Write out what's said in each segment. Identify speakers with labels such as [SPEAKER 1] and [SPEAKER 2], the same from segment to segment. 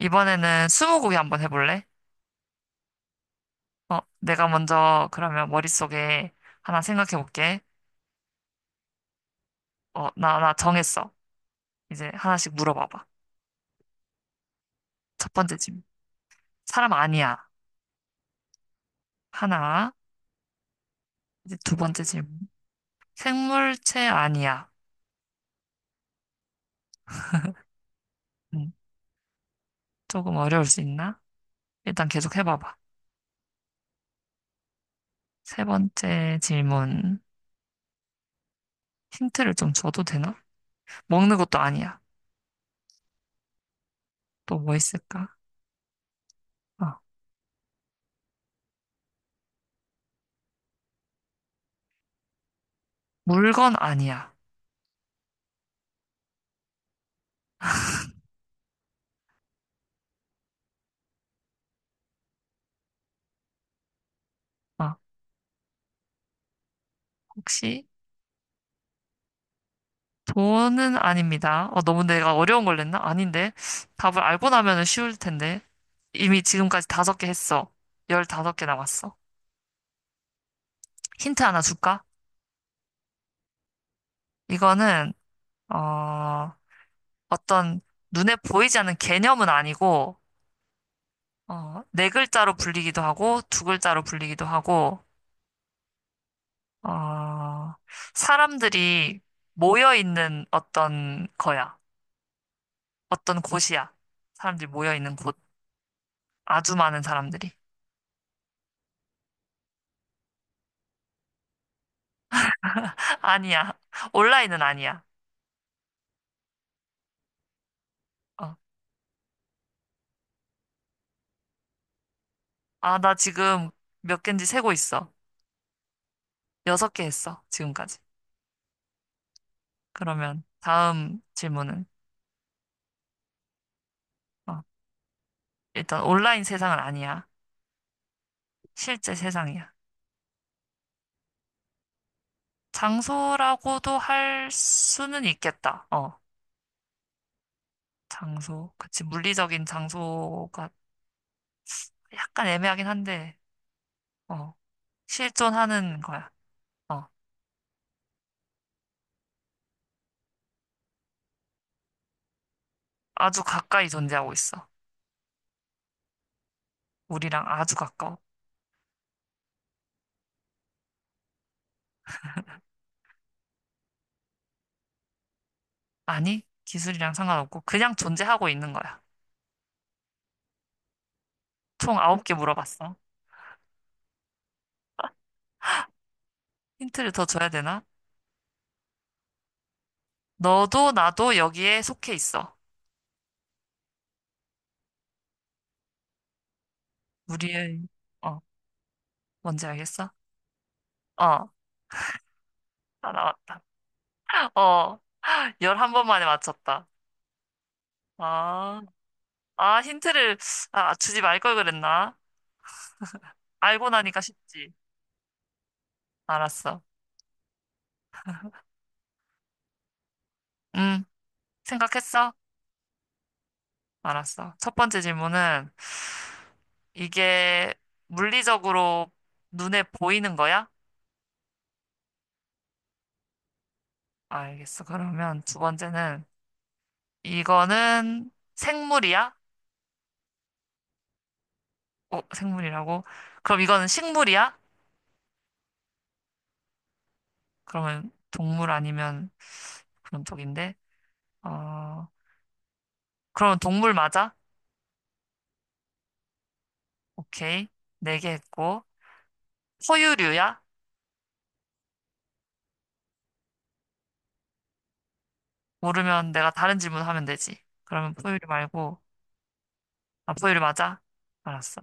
[SPEAKER 1] 이번에는 스무고개 한번 해볼래? 내가 먼저 그러면 머릿속에 하나 생각해 볼게. 나 정했어. 이제 하나씩 물어봐봐. 첫 번째 질문. 사람 아니야. 하나. 이제 두 번째 질문. 생물체 아니야. 음, 조금 어려울 수 있나? 일단 계속 해봐봐. 세 번째 질문. 힌트를 좀 줘도 되나? 먹는 것도 아니야. 또 뭐 있을까? 어, 물건 아니야. 어, 혹시 돈은 아닙니다. 너무 내가 어려운 걸 냈나? 아닌데. 답을 알고 나면은 쉬울 텐데. 이미 지금까지 다섯 개 했어. 15개 남았어. 힌트 하나 줄까? 이거는, 어, 어떤 눈에 보이지 않는 개념은 아니고, 네 글자로 불리기도 하고, 두 글자로 불리기도 하고, 어, 사람들이 모여 있는 어떤 거야. 어떤 곳이야. 사람들이 모여 있는 곳. 아주 많은 사람들이. 아니야. 온라인은 아니야. 어. 아, 나 지금 몇 개인지 세고 있어. 여섯 개 했어, 지금까지. 그러면 다음 질문은, 어, 일단 온라인 세상은 아니야. 실제 세상이야. 장소라고도 할 수는 있겠다. 장소. 그치, 물리적인 장소가 약간 애매하긴 한데, 어, 실존하는 거야. 어, 아주 가까이 존재하고 있어. 우리랑 아주 가까워. 아니, 기술이랑 상관없고, 그냥 존재하고 있는 거야. 총 9개 물어봤어. 힌트를 더 줘야 되나? 너도 나도 여기에 속해 있어. 우리의, 어, 뭔지 알겠어? 어, 다 나왔다. 어, 11번 만에 맞췄다. 아, 아, 힌트를, 아, 주지 말걸 그랬나? 알고 나니까 쉽지. 알았어. 응, 생각했어? 알았어. 첫 번째 질문은, 이게 물리적으로 눈에 보이는 거야? 알겠어. 그러면 두 번째는, 이거는 생물이야? 어, 생물이라고? 그럼 이거는 식물이야? 그러면 동물 아니면 그런 쪽인데. 어, 그러면 동물 맞아? 오케이. 네 개 했고. 포유류야? 모르면 내가 다른 질문 하면 되지. 그러면 포유류 말고. 아, 포유류 맞아? 알았어.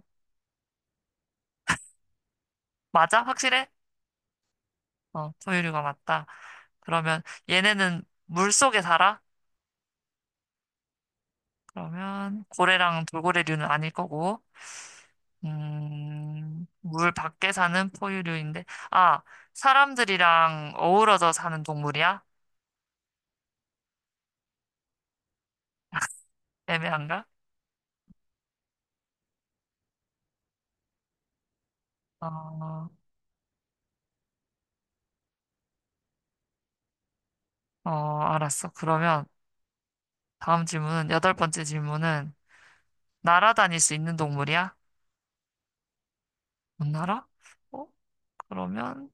[SPEAKER 1] 맞아? 확실해? 어, 포유류가 맞다. 그러면 얘네는 물 속에 살아? 그러면 고래랑 돌고래류는 아닐 거고. 물 밖에 사는 포유류인데, 아, 사람들이랑 어우러져 사는 동물이야? 애매한가? 어, 어, 알았어. 그러면 다음 질문은, 여덟 번째 질문은, 날아다닐 수 있는 동물이야? 못 날아? 어, 그러면,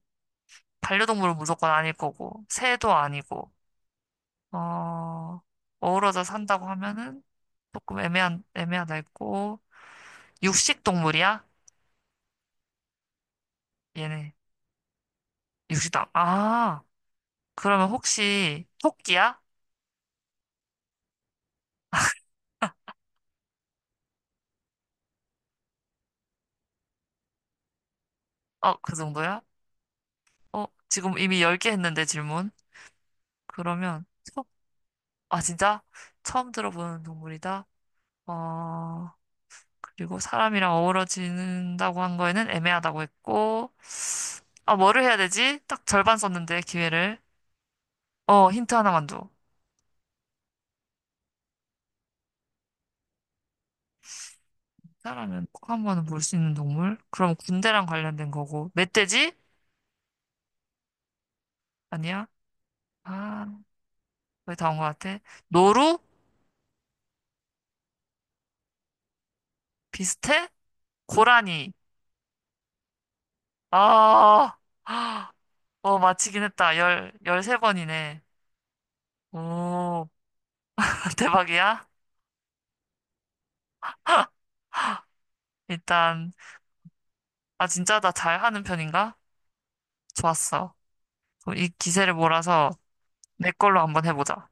[SPEAKER 1] 반려동물은 무조건 아닐 거고, 새도 아니고, 어, 어우러져 산다고 하면은, 조금 애매한, 애매하다 했고, 육식 동물이야? 얘네, 육식당 아, 그러면 혹시 토끼야? 어, 그 정도야? 지금 이미 10개 했는데 질문. 그러면 토, 아 진짜? 처음 들어보는 동물이다. 어, 그리고 사람이랑 어우러진다고 한 거에는 애매하다고 했고. 아, 뭐를 해야 되지? 딱 절반 썼는데 기회를. 힌트 하나만 줘. 사람은 꼭 한 번은 볼 수 있는 동물? 그럼 군대랑 관련된 거고. 멧돼지? 아니야? 아, 거의 다온 것 같아. 노루? 비슷해? 고라니. 아. 아, 마치긴 했다. 열세 번이네. 오, 대박이야? 일단, 아, 진짜 나 잘하는 편인가? 좋았어. 그럼 이 기세를 몰아서 내 걸로 한번 해보자.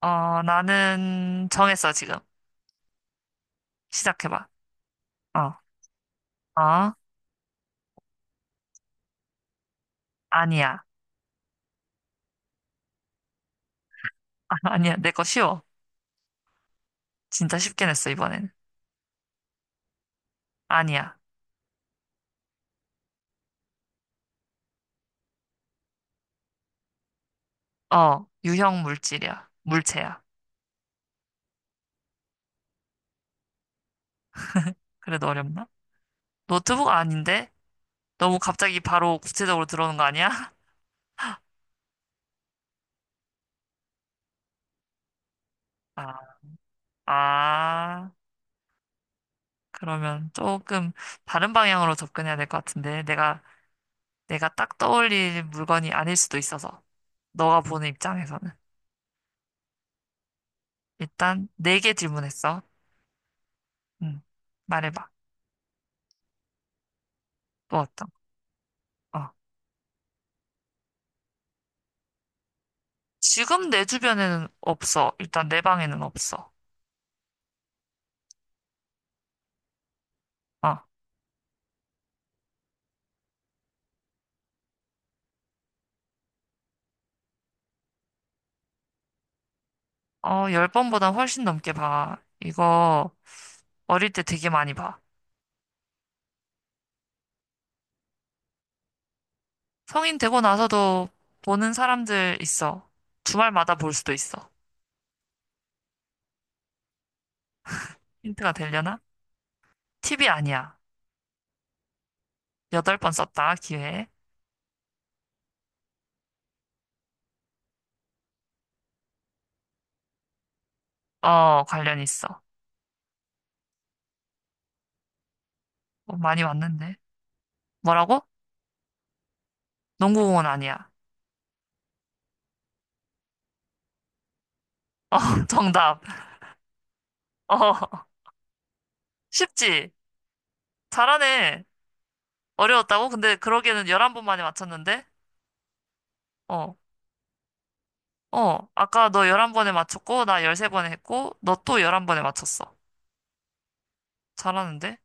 [SPEAKER 1] 나는 정했어, 지금. 시작해봐. 어, 어, 아니야. 아, 니야 내 거 쉬워. 진짜 쉽게 냈어, 이번엔. 아니야. 어, 유형 물질이야. 물체야. 그래도 어렵나? 노트북 아닌데? 너무 갑자기 바로 구체적으로 들어오는 거 아니야? 아, 아. 그러면 조금 다른 방향으로 접근해야 될 것 같은데, 내가 딱 떠올릴 물건이 아닐 수도 있어서, 너가 보는 입장에서는. 일단, 네 개 질문했어. 응, 말해봐. 또 어떤, 거? 어. 지금 내 주변에는 없어. 일단 내 방에는 없어. 어, 열 번보다 훨씬 넘게 봐. 이거 어릴 때 되게 많이 봐. 성인 되고 나서도 보는 사람들 있어. 주말마다 볼 수도 있어. 힌트가 되려나? 티비 아니야. 여덟 번 썼다, 기회. 어, 관련 있어. 많이 왔는데. 뭐라고? 농구공원 아니야. 어, 정답. 어, 쉽지? 잘하네. 어려웠다고? 근데 그러기에는 11번 만에 맞췄는데? 어, 어. 아까 너 11번에 맞췄고, 나 13번에 했고, 너 또 11번에 맞췄어. 잘하는데?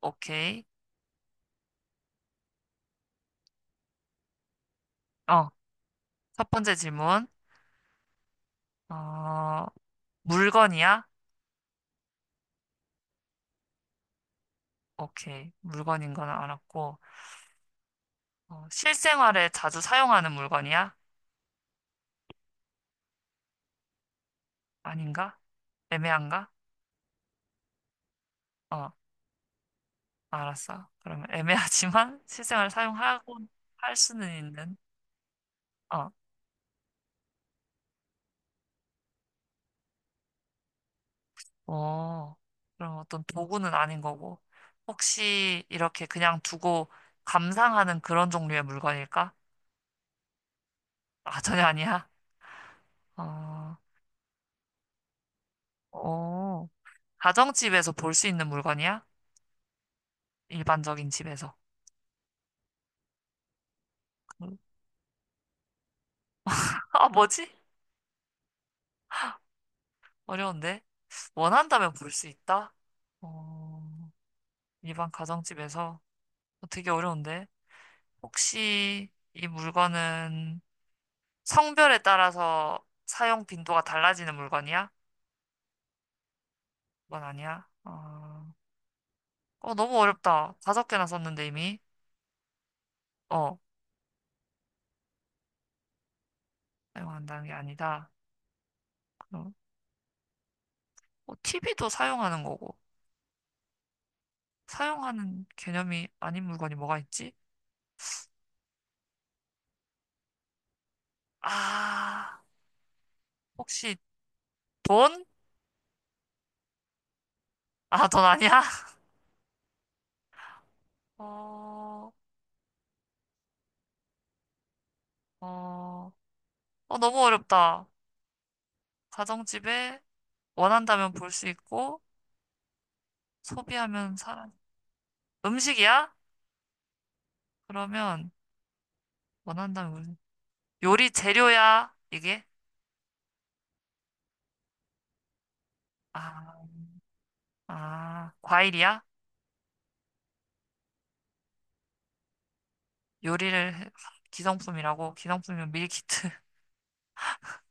[SPEAKER 1] 오케이. 어, 첫 번째 질문. 어, 물건이야? 오케이. 물건인 건 알았고, 실생활에 자주 사용하는 물건이야? 아닌가? 애매한가? 어. 알았어. 그러면 애매하지만 실생활 사용하고 할 수는 있는. 어, 어. 그럼 어떤 도구는 아닌 거고. 혹시 이렇게 그냥 두고 감상하는 그런 종류의 물건일까? 아, 전혀 아니야. 어, 어. 가정집에서 볼 수 있는 물건이야? 일반적인 집에서. 음. 아, 뭐지? 어려운데. 원한다면 볼 수 있다? 어, 일반 가정집에서. 되게 어려운데. 혹시 이 물건은 성별에 따라서 사용 빈도가 달라지는 물건이야? 그건 아니야. 어, 어, 너무 어렵다. 다섯 개나 썼는데 이미. 어, 사용한다는 게 아니다. 그럼 TV도 사용하는 거고. 사용하는 개념이 아닌 물건이 뭐가 있지? 아, 혹시 돈? 아, 돈 아니야? 어, 어, 어, 너무 어렵다. 가정집에 원한다면 볼 수 있고, 소비하면 사라. 음식이야? 그러면 원한다면 물- 요리 재료야, 이게? 아, 아, 과일이야? 요리를, 해- 기성품이라고? 기성품이면 밀키트.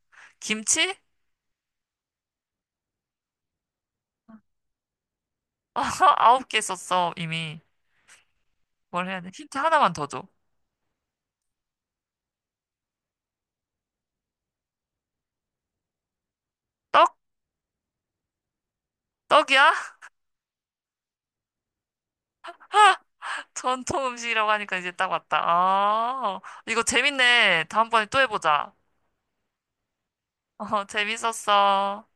[SPEAKER 1] 김치? 아홉 개 썼어, 이미. 뭘 해야 돼? 힌트 하나만 더 줘. 떡? 떡이야? 전통 음식이라고 하니까 이제 딱 왔다. 아, 이거 재밌네. 다음번에 또 해보자. 어, 재밌었어.